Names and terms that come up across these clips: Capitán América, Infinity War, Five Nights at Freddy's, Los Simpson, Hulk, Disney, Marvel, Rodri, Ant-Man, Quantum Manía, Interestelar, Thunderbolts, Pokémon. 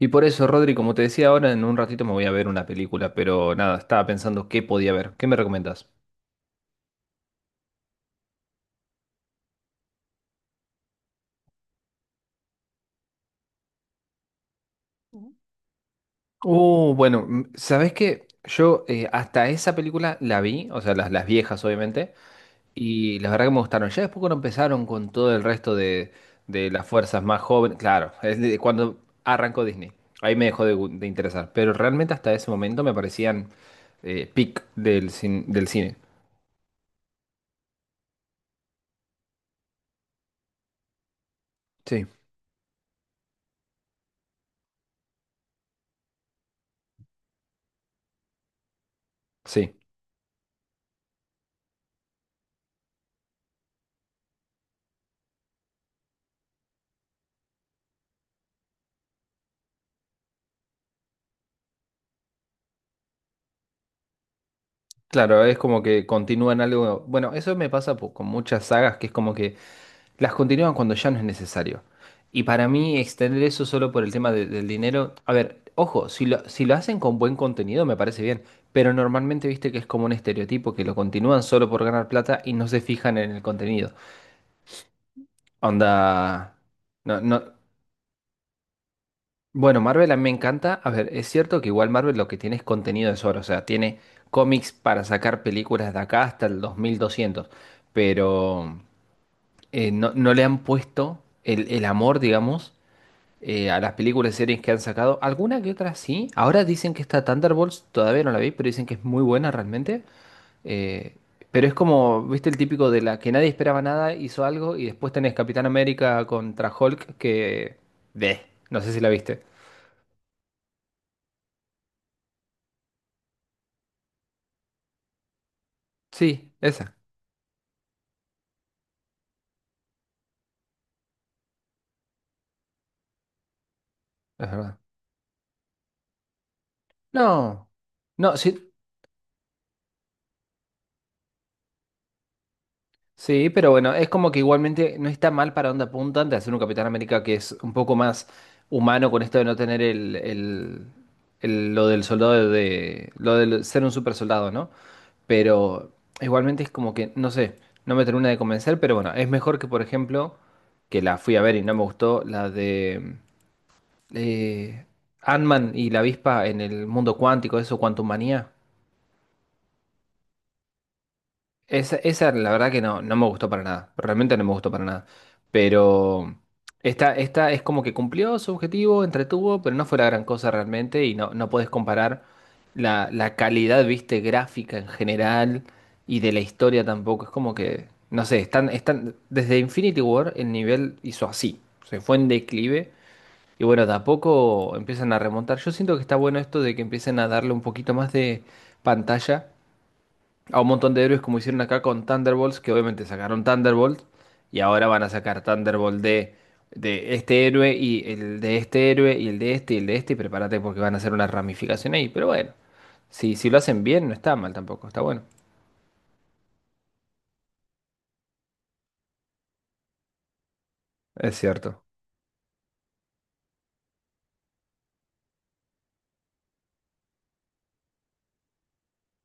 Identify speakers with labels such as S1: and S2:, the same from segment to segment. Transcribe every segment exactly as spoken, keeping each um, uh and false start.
S1: Y por eso, Rodri, como te decía ahora, en un ratito me voy a ver una película, pero nada, estaba pensando qué podía ver. ¿Qué me recomendás? Uh, bueno, mm, ¿Sabés qué? Yo eh, hasta esa película la vi, o sea, las, las viejas obviamente, y la verdad que me gustaron. Ya después cuando empezaron con todo el resto de, de las fuerzas más jóvenes, claro, es de cuando arrancó Disney, ahí me dejó de, gu- de interesar, pero realmente hasta ese momento me parecían eh, peak del, cin- del cine. Sí. Sí. Claro, es como que continúan algo. Bueno, eso me pasa po- con muchas sagas que es como que las continúan cuando ya no es necesario. Y para mí, extender eso solo por el tema de- del dinero. A ver, ojo, si lo, si lo hacen con buen contenido, me parece bien. Pero normalmente viste que es como un estereotipo que lo continúan solo por ganar plata y no se fijan en el contenido. Onda. No, no. Bueno, Marvel a mí me encanta. A ver, es cierto que igual Marvel lo que tiene es contenido de sobra, o sea, tiene cómics para sacar películas de acá hasta el dos mil doscientos, pero eh, no, no le han puesto el, el amor, digamos, eh, a las películas y series que han sacado. Alguna que otra sí. Ahora dicen que está Thunderbolts, todavía no la vi, pero dicen que es muy buena realmente. Eh, pero es como, viste, el típico de la que nadie esperaba nada, hizo algo y después tenés Capitán América contra Hulk que... de, no sé si la viste. Sí, esa. Es verdad. No, no, sí, sí, pero bueno, es como que igualmente no está mal para dónde apuntan de hacer un Capitán América que es un poco más humano con esto de no tener el, el- el- lo del soldado de, lo del ser un super soldado, ¿no? Pero igualmente es como que, no sé, no me termina de convencer, pero bueno, es mejor que, por ejemplo, que la fui a ver y no me gustó, la de eh, Ant-Man y la avispa en el mundo cuántico, eso, Quantum Manía. Esa, esa la verdad que no, no me gustó para nada. Realmente no me gustó para nada. Pero esta, esta es como que cumplió su objetivo, entretuvo, pero no fue la gran cosa realmente. Y no, no podés comparar la, la calidad, viste, gráfica en general y de la historia tampoco. Es como que, no sé, están, están desde Infinity War el nivel hizo así. Se fue en declive. Y bueno, de a poco empiezan a remontar. Yo siento que está bueno esto de que empiecen a darle un poquito más de pantalla a un montón de héroes como hicieron acá con Thunderbolts, que obviamente sacaron Thunderbolt y ahora van a sacar Thunderbolt de, de este héroe y el de este héroe y el de este y el de este y prepárate porque van a hacer una ramificación ahí, pero bueno, si, si lo hacen bien no está mal tampoco, está bueno. Es cierto,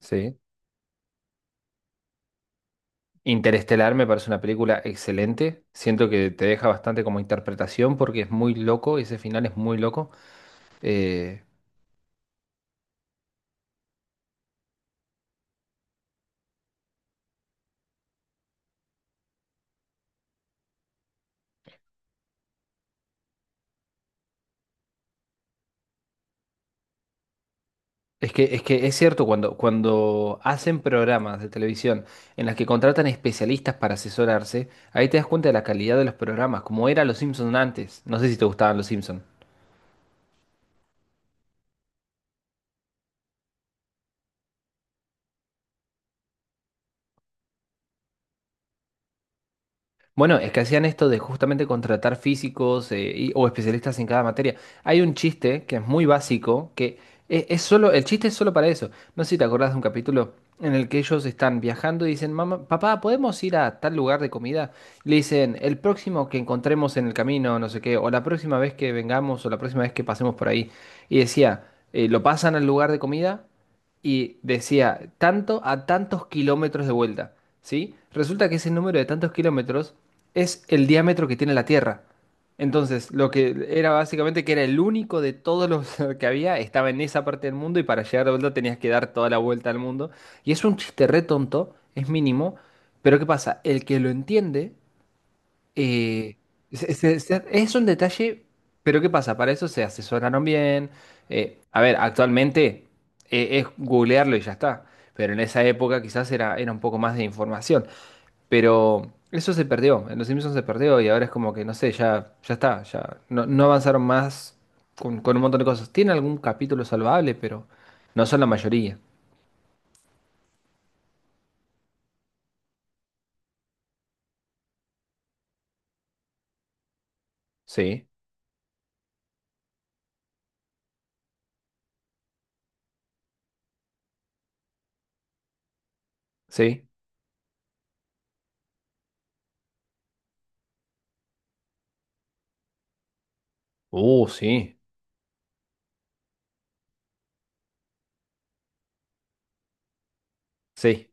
S1: sí. Interestelar me parece una película excelente, siento que te deja bastante como interpretación porque es muy loco, ese final es muy loco. Eh, Es que, es que es cierto, cuando, cuando hacen programas de televisión en las que contratan especialistas para asesorarse, ahí te das cuenta de la calidad de los programas, como era Los Simpson antes. No sé si te gustaban Los Simpson. Bueno, es que hacían esto de justamente contratar físicos eh, y- o especialistas en cada materia. Hay un chiste que es muy básico, que e- es, solo, el chiste es solo para eso. No sé si te acordás de un capítulo en el que ellos están viajando y dicen, mamá, papá, ¿podemos ir a tal lugar de comida? Y le dicen, el próximo que encontremos en el camino, no sé qué, o la próxima vez que vengamos, o la próxima vez que pasemos por ahí. Y decía, eh, lo pasan al lugar de comida y decía, tanto a tantos kilómetros de vuelta, ¿sí? Resulta que ese número de tantos kilómetros es el diámetro que tiene la Tierra. Entonces, lo que era básicamente que era el único de todos los que había, estaba en esa parte del mundo y para llegar de vuelta tenías que dar toda la vuelta al mundo. Y es un chiste re tonto, es mínimo, pero ¿qué pasa? El que lo entiende eh, se- se- se- es un detalle, pero ¿qué pasa? Para eso se asesoraron bien. Eh, a ver, actualmente eh, es googlearlo y ya está. Pero en esa época quizás era, era un poco más de información. Pero eso se perdió, en Los Simpsons se perdió y ahora es como que, no sé, ya, ya está, ya no, no avanzaron más con, con un montón de cosas. Tiene algún capítulo salvable, pero no son la mayoría. Sí, sí. Uh, sí, sí.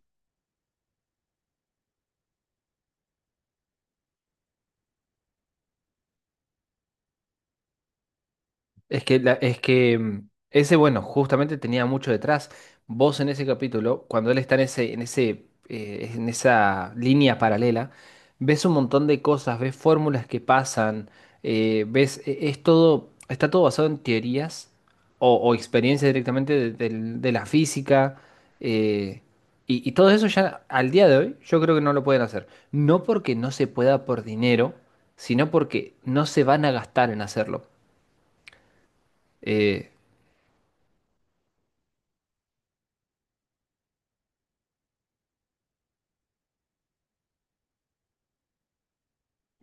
S1: Es que, la- es que mm, ese, bueno, justamente tenía mucho detrás. Vos en ese capítulo, cuando él está en ese, en ese, eh, en esa línea paralela, ves un montón de cosas, ves fórmulas que pasan, eh, ves, e- es todo, está todo basado en teorías o, o experiencias directamente de, del- de la física. eh, y, y todo eso ya al día de hoy, yo creo que no lo pueden hacer. No porque no se pueda por dinero, sino porque no se van a gastar en hacerlo. Eh,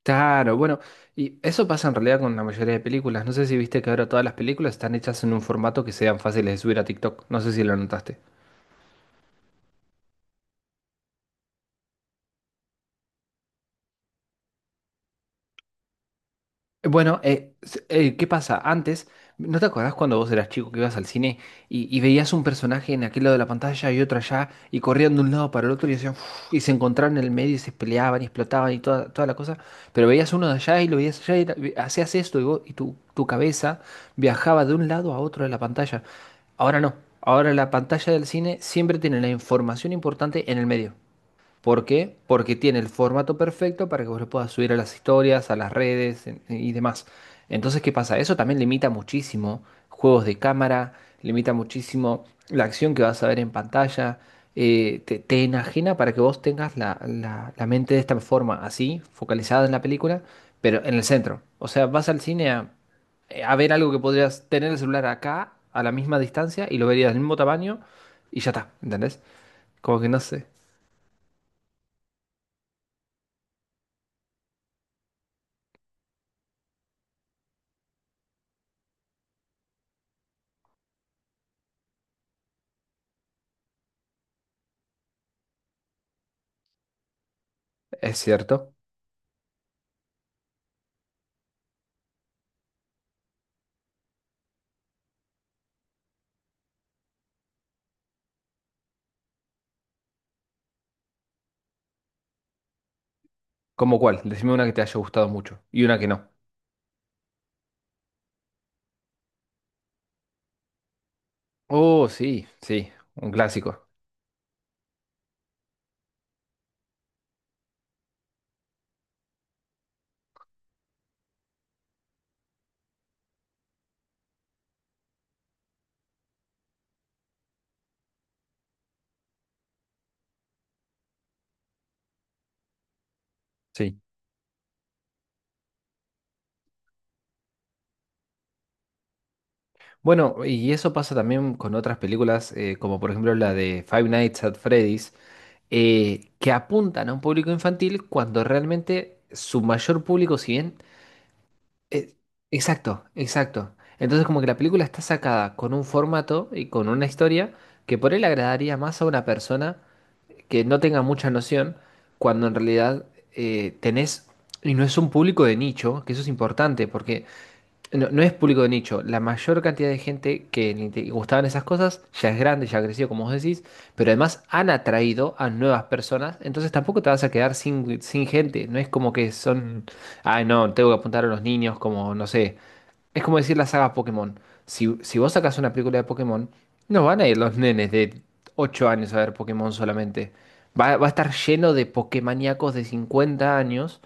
S1: Claro, bueno, y eso pasa en realidad con la mayoría de películas. No sé si viste que ahora todas las películas están hechas en un formato que sean fáciles de subir a TikTok. No sé si lo notaste. Bueno, eh, s- eh, ¿qué pasa? Antes, ¿no te acordás cuando vos eras chico que ibas al cine y, y veías un personaje en aquel lado de la pantalla y otro allá y corrían de un lado para el otro y, hacían uf, y se encontraban en el medio y se peleaban y explotaban y toda, toda la cosa? Pero veías uno de allá y lo veías allá y era- ve- hacías esto y, vos- y tu, tu cabeza viajaba de un lado a otro de la pantalla. Ahora no, ahora la pantalla del cine siempre tiene la información importante en el medio. ¿Por qué? Porque tiene el formato perfecto para que vos lo puedas subir a las historias, a las redes en- y demás. Entonces, ¿qué pasa? Eso también limita muchísimo juegos de cámara, limita muchísimo la acción que vas a ver en pantalla, eh, te, te enajena para que vos tengas la, la- la mente de esta forma, así, focalizada en la película, pero en el centro. O sea, vas al cine a, a ver algo que podrías tener el celular acá, a la misma distancia, y lo verías del mismo tamaño, y ya está, ¿entendés? Como que no sé, es cierto. ¿Cómo cuál? Decime una que te haya gustado mucho y una que no. Oh, sí, sí, un clásico, sí. Bueno, y eso pasa también con otras películas, eh, como por ejemplo la de Five Nights at Freddy's, eh, que apuntan a un público infantil cuando realmente su mayor público, si bien... eh, exacto, exacto. Entonces como que la película está sacada con un formato y con una historia que por él agradaría más a una persona que no tenga mucha noción, cuando en realidad eh, tenés, y no es un público de nicho, que eso es importante, porque no, no es público de nicho. La mayor cantidad de gente que le inte- gustaban esas cosas ya es grande, ya creció, como vos decís, pero además han atraído a nuevas personas, entonces tampoco te vas a quedar sin, sin gente. No es como que son, ay, no, tengo que apuntar a los niños, como, no sé. Es como decir la saga Pokémon. Si, si vos sacás una película de Pokémon, no van a ir los nenes de ocho años a ver Pokémon solamente. Va, va a estar lleno de Pokémaníacos de cincuenta años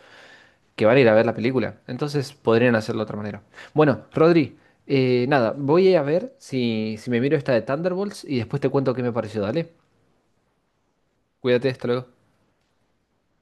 S1: que van a ir a ver la película. Entonces podrían hacerlo de otra manera. Bueno, Rodri, eh, nada, voy a ver si, si me miro esta de Thunderbolts y después te cuento qué me pareció. Dale, cuídate, hasta luego.